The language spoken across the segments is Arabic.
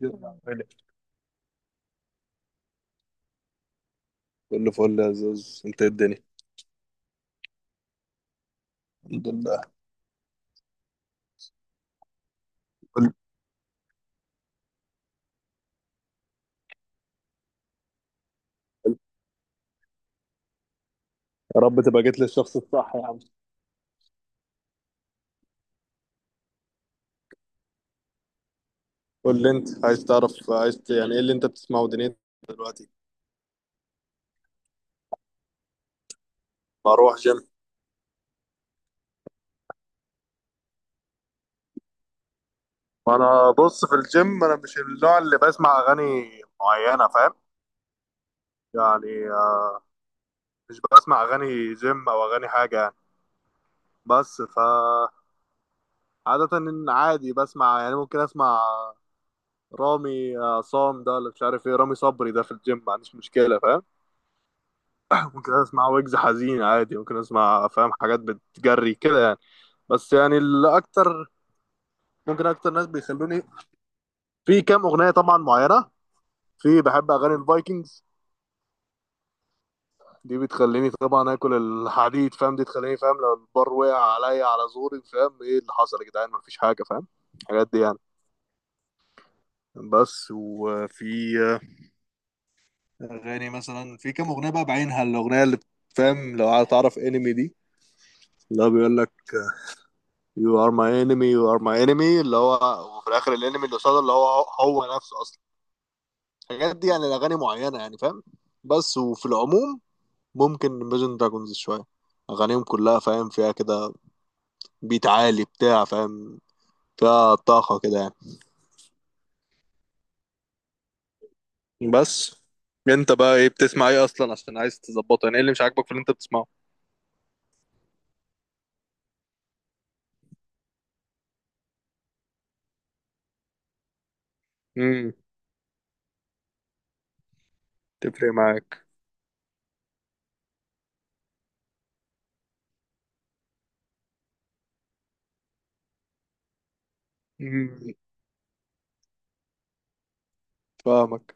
يلا. كله فل يا زوز، انت إيه الدنيا؟ الحمد لله. قول- يا رب تبقى جيت للشخص الصح يا عم. قول لي انت عايز تعرف، يعني ايه اللي انت بتسمعه دنيتك دلوقتي؟ بروح جيم. انا بص، في الجيم انا مش النوع اللي بسمع اغاني معينه، فاهم يعني؟ مش بسمع اغاني جيم او اغاني حاجه يعني. بس عاده ان عادي بسمع، يعني ممكن اسمع رامي عصام، ده اللي مش عارف ايه، رامي صبري، ده في الجيم ما عنديش مشكله فاهم. ممكن اسمع ويجز حزين عادي، ممكن اسمع فاهم، حاجات بتجري كده يعني. بس يعني الاكتر، ممكن اكتر ناس بيخلوني، في كام اغنيه طبعا معينه، في بحب اغاني الفايكنجز. دي بتخليني طبعا اكل الحديد فاهم، دي تخليني فاهم لو البار وقع عليا على زوري، فاهم ايه اللي حصل يا جدعان؟ مفيش حاجه فاهم، الحاجات دي يعني. بس وفي اغاني مثلا، في كام اغنيه بقى بعينها، الاغنيه اللي فاهم لو تعرف انمي دي. لا بيقول لك يو ار ماي انمي، يو ار ماي انمي، اللي هو وفي الاخر الانمي اللي قصاده اللي هو هو نفسه اصلا. الحاجات دي، يعني الاغاني معينه يعني فاهم. بس وفي العموم، ممكن ميجن دراجونز شويه، اغانيهم كلها فاهم فيها كده، بيت عالي بتاع فاهم، فيها طاقه كده يعني. بس. انت بقى ايه بتسمع، ايه اصلا عشان عايز تظبطه، يعني ايه اللي مش عاجبك في اللي انت بتسمعه؟ امم تفرق معاك. امم فاهمك.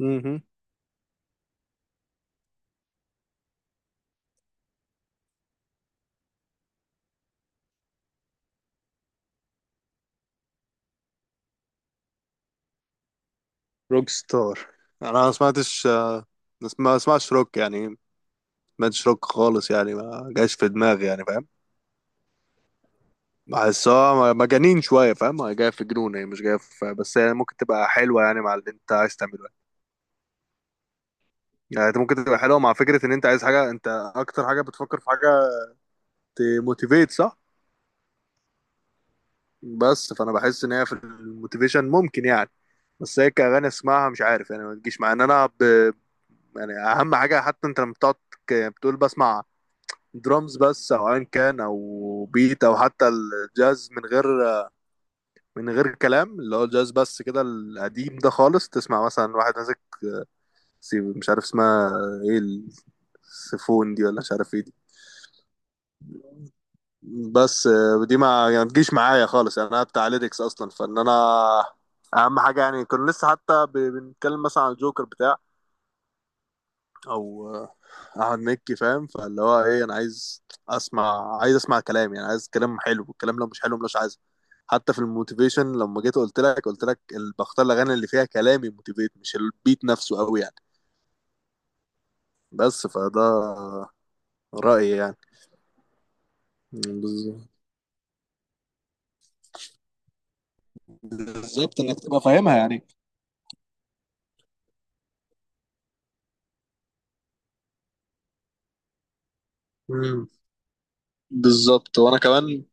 امم روك ستار؟ انا ما سمعتش، ما اسمعش روك يعني، ماتش روك خالص يعني، ما جاش في دماغي يعني فاهم. بحسها مجانين شويه فاهم، هي جايه في جنون، هي مش جايه في، بس هي ممكن تبقى حلوه يعني مع اللي انت عايز تعمله يعني. يعني انت ممكن تبقى حلوه مع فكره ان انت عايز حاجه، انت اكتر حاجه بتفكر في حاجه تموتيفيت، صح؟ بس فانا بحس ان هي في الموتيفيشن ممكن يعني. بس هي كأغاني اسمعها مش عارف يعني، ما تجيش مع ان انا يعني اهم حاجه، حتى انت لما بتقعد بتقول بسمع درامز بس، او ايا كان، او بيت، او حتى الجاز، من غير كلام، اللي هو الجاز بس كده القديم ده خالص، تسمع مثلا واحد ماسك مش عارف اسمها ايه، السيفون دي، ولا مش عارف ايه دي. بس دي ما يعني ما تجيش معايا خالص يعني، انا بتاع ليركس اصلا، فان انا اهم حاجه يعني. كنا لسه حتى بنتكلم مثلا عن الجوكر بتاع، او احمد مكي فاهم، فاللي هو ايه، انا عايز اسمع، عايز اسمع كلام يعني، عايز كلام حلو، الكلام لو مش حلو مش عايزه. حتى في الموتيفيشن لما جيت قلت لك، بختار الاغاني اللي فيها كلام يموتيفيت، مش البيت نفسه قوي يعني. بس فده رايي يعني. بالظبط. بالظبط، انك تبقى فاهمها يعني. مم. بالظبط، وانا كمان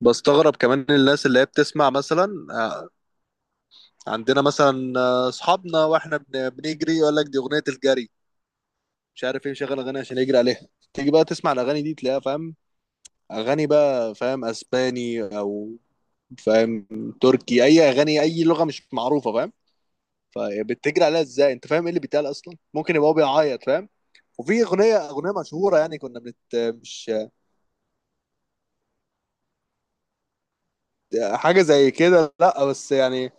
بستغرب كمان الناس اللي هي بتسمع، مثلا عندنا مثلا، اصحابنا واحنا بنجري يقول لك دي اغنيه الجري، مش عارف ايه، مشغل اغاني عشان يجري عليها. تيجي بقى تسمع الاغاني دي تلاقيها فاهم، اغاني بقى فاهم اسباني، او فاهم تركي، اي اغاني، اي لغه مش معروفه فاهم. فبتجري عليها ازاي؟ انت فاهم ايه اللي بيتقال اصلا؟ ممكن يبقى هو بيعيط فاهم. وفي اغنيه مشهوره يعني، كنا بنت مش حاجه زي كده، لا، بس يعني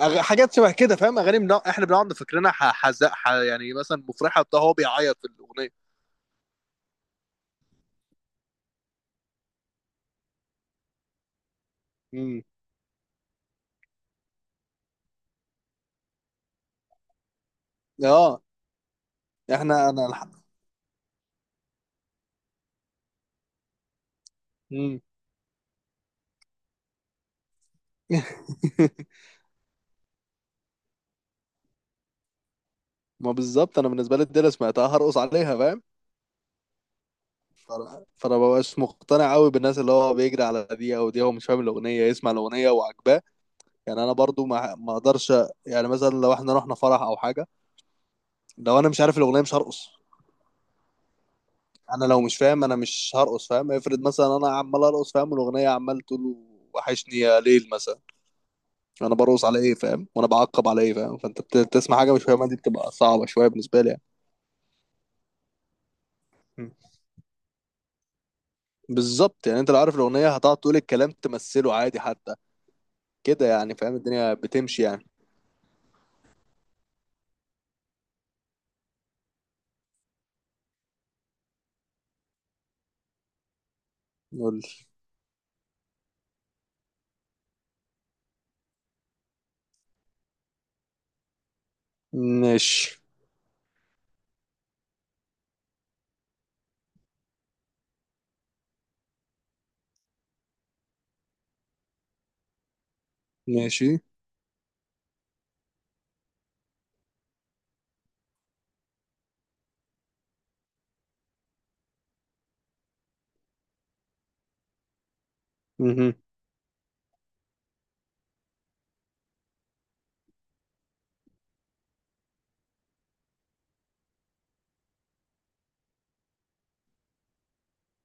حاجات شبه كده فاهم، اغاني احنا بنقعد فاكرينها، حزق، يعني مثلا مفرحه بتاع، هو بيعيط في الاغنيه. امم. اه. انا الحق. امم. ما بالظبط، انا بالنسبه لي الدنيا سمعتها هرقص عليها فاهم. فأنا مبقاش مقتنع قوي بالناس، اللي هو بيجري على دي او دي، هو مش فاهم الاغنيه، يسمع الاغنيه وعجباه يعني. انا برضو ما اقدرش، يعني مثلا لو احنا رحنا فرح او حاجه، لو انا مش عارف الاغنيه مش هرقص. انا لو مش فاهم انا مش هرقص فاهم، افرض مثلا انا عمال ارقص فاهم، الاغنيه عمال تقول وحشني يا ليل مثلا، انا برقص على ايه فاهم؟ وانا بعقب على ايه فاهم؟ فانت بتسمع حاجه مش فاهمها، دي بتبقى صعبه شويه بالنسبه لي يعني. م. بالظبط يعني، انت لو عارف الاغنيه هتقعد تقول الكلام، تمثله عادي حتى كده يعني فاهم، الدنيا بتمشي يعني. نقول. ماشي. ماشي. مهم.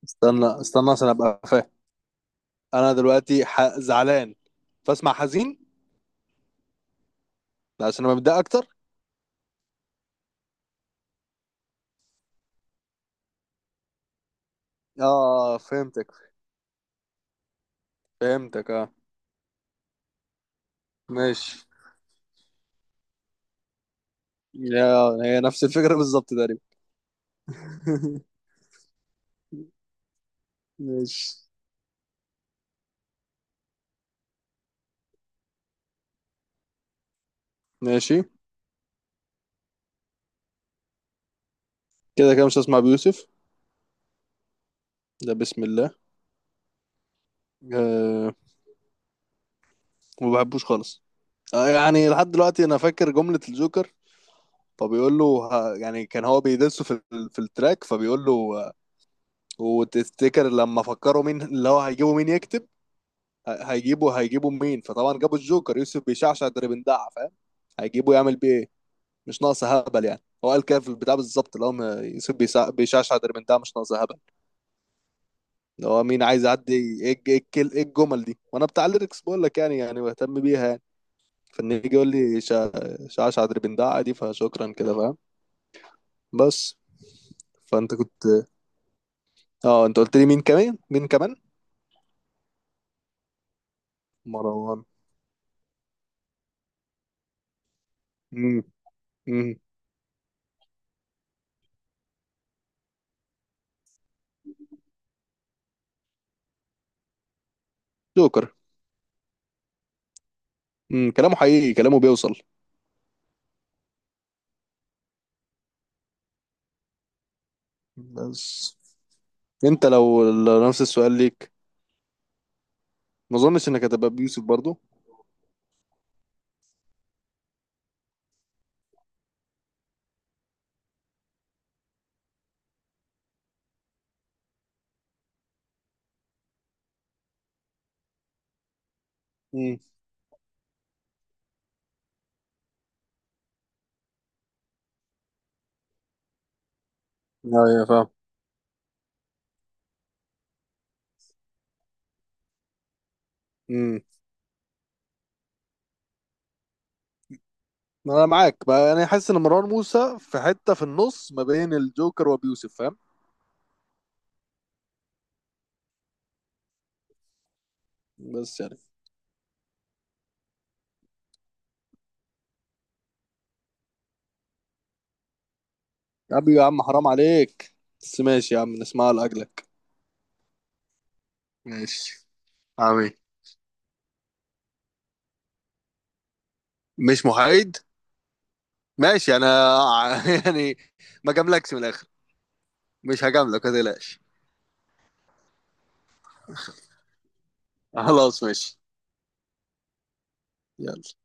استنى استنى عشان ابقى فاهم، انا دلوقتي زعلان، فاسمع حزين عشان ابقى متضايق اكتر. اه فهمتك، فهمتك اه. ماشي. يا هي نفس الفكرة بالظبط تقريبا. ماشي. ماشي. كده كده مش هسمع بيوسف، ده بسم الله. أه. ما بحبوش خالص. أه يعني، لحد دلوقتي انا فاكر جملة الجوكر، فبيقول له يعني كان هو بيدسه في التراك، فبيقول له، آه، وتفتكر لما فكروا مين اللي هو هيجيبوا، مين يكتب؟ هيجيبوا مين؟ فطبعا جابوا الجوكر، يوسف بيشعشع اللي بندع فاهم، هيجيبوا يعمل بيه ايه؟ مش ناقص هبل يعني، هو قال كده في البتاع بالظبط، اللي هو يوسف بيشعشع اللي بندع، مش ناقص هبل، اللي هو مين عايز يعدي؟ إيه الجمل دي؟ وانا بتاع الليركس بقول لك، يعني بهتم بيها يعني، فان يجي يقول لي شعشع دربندعة دي، فشكرا كده فاهم. بس. فانت كنت، اه انت قلت لي مين كمان مين كمان؟ مروان. امم. امم. جوكر. كلامه حقيقي، كلامه بيوصل. بس انت لو نفس السؤال ليك، ما اظنش انك هتبقى بيوسف برضو. امم، ايوه فاهم. امم. انا معاك بقى، انا حاسس ان مروان موسى في حته في النص ما بين الجوكر وبيوسف فاهم. بس يعني. يا عم يا عم حرام عليك. بس ماشي يا عم نسمعها لاجلك. ماشي. عمي. مش محايد. ماشي انا. يعني ما جاملكش من الاخر. مش هجاملك ما تقلقش. خلاص ماشي. يلا.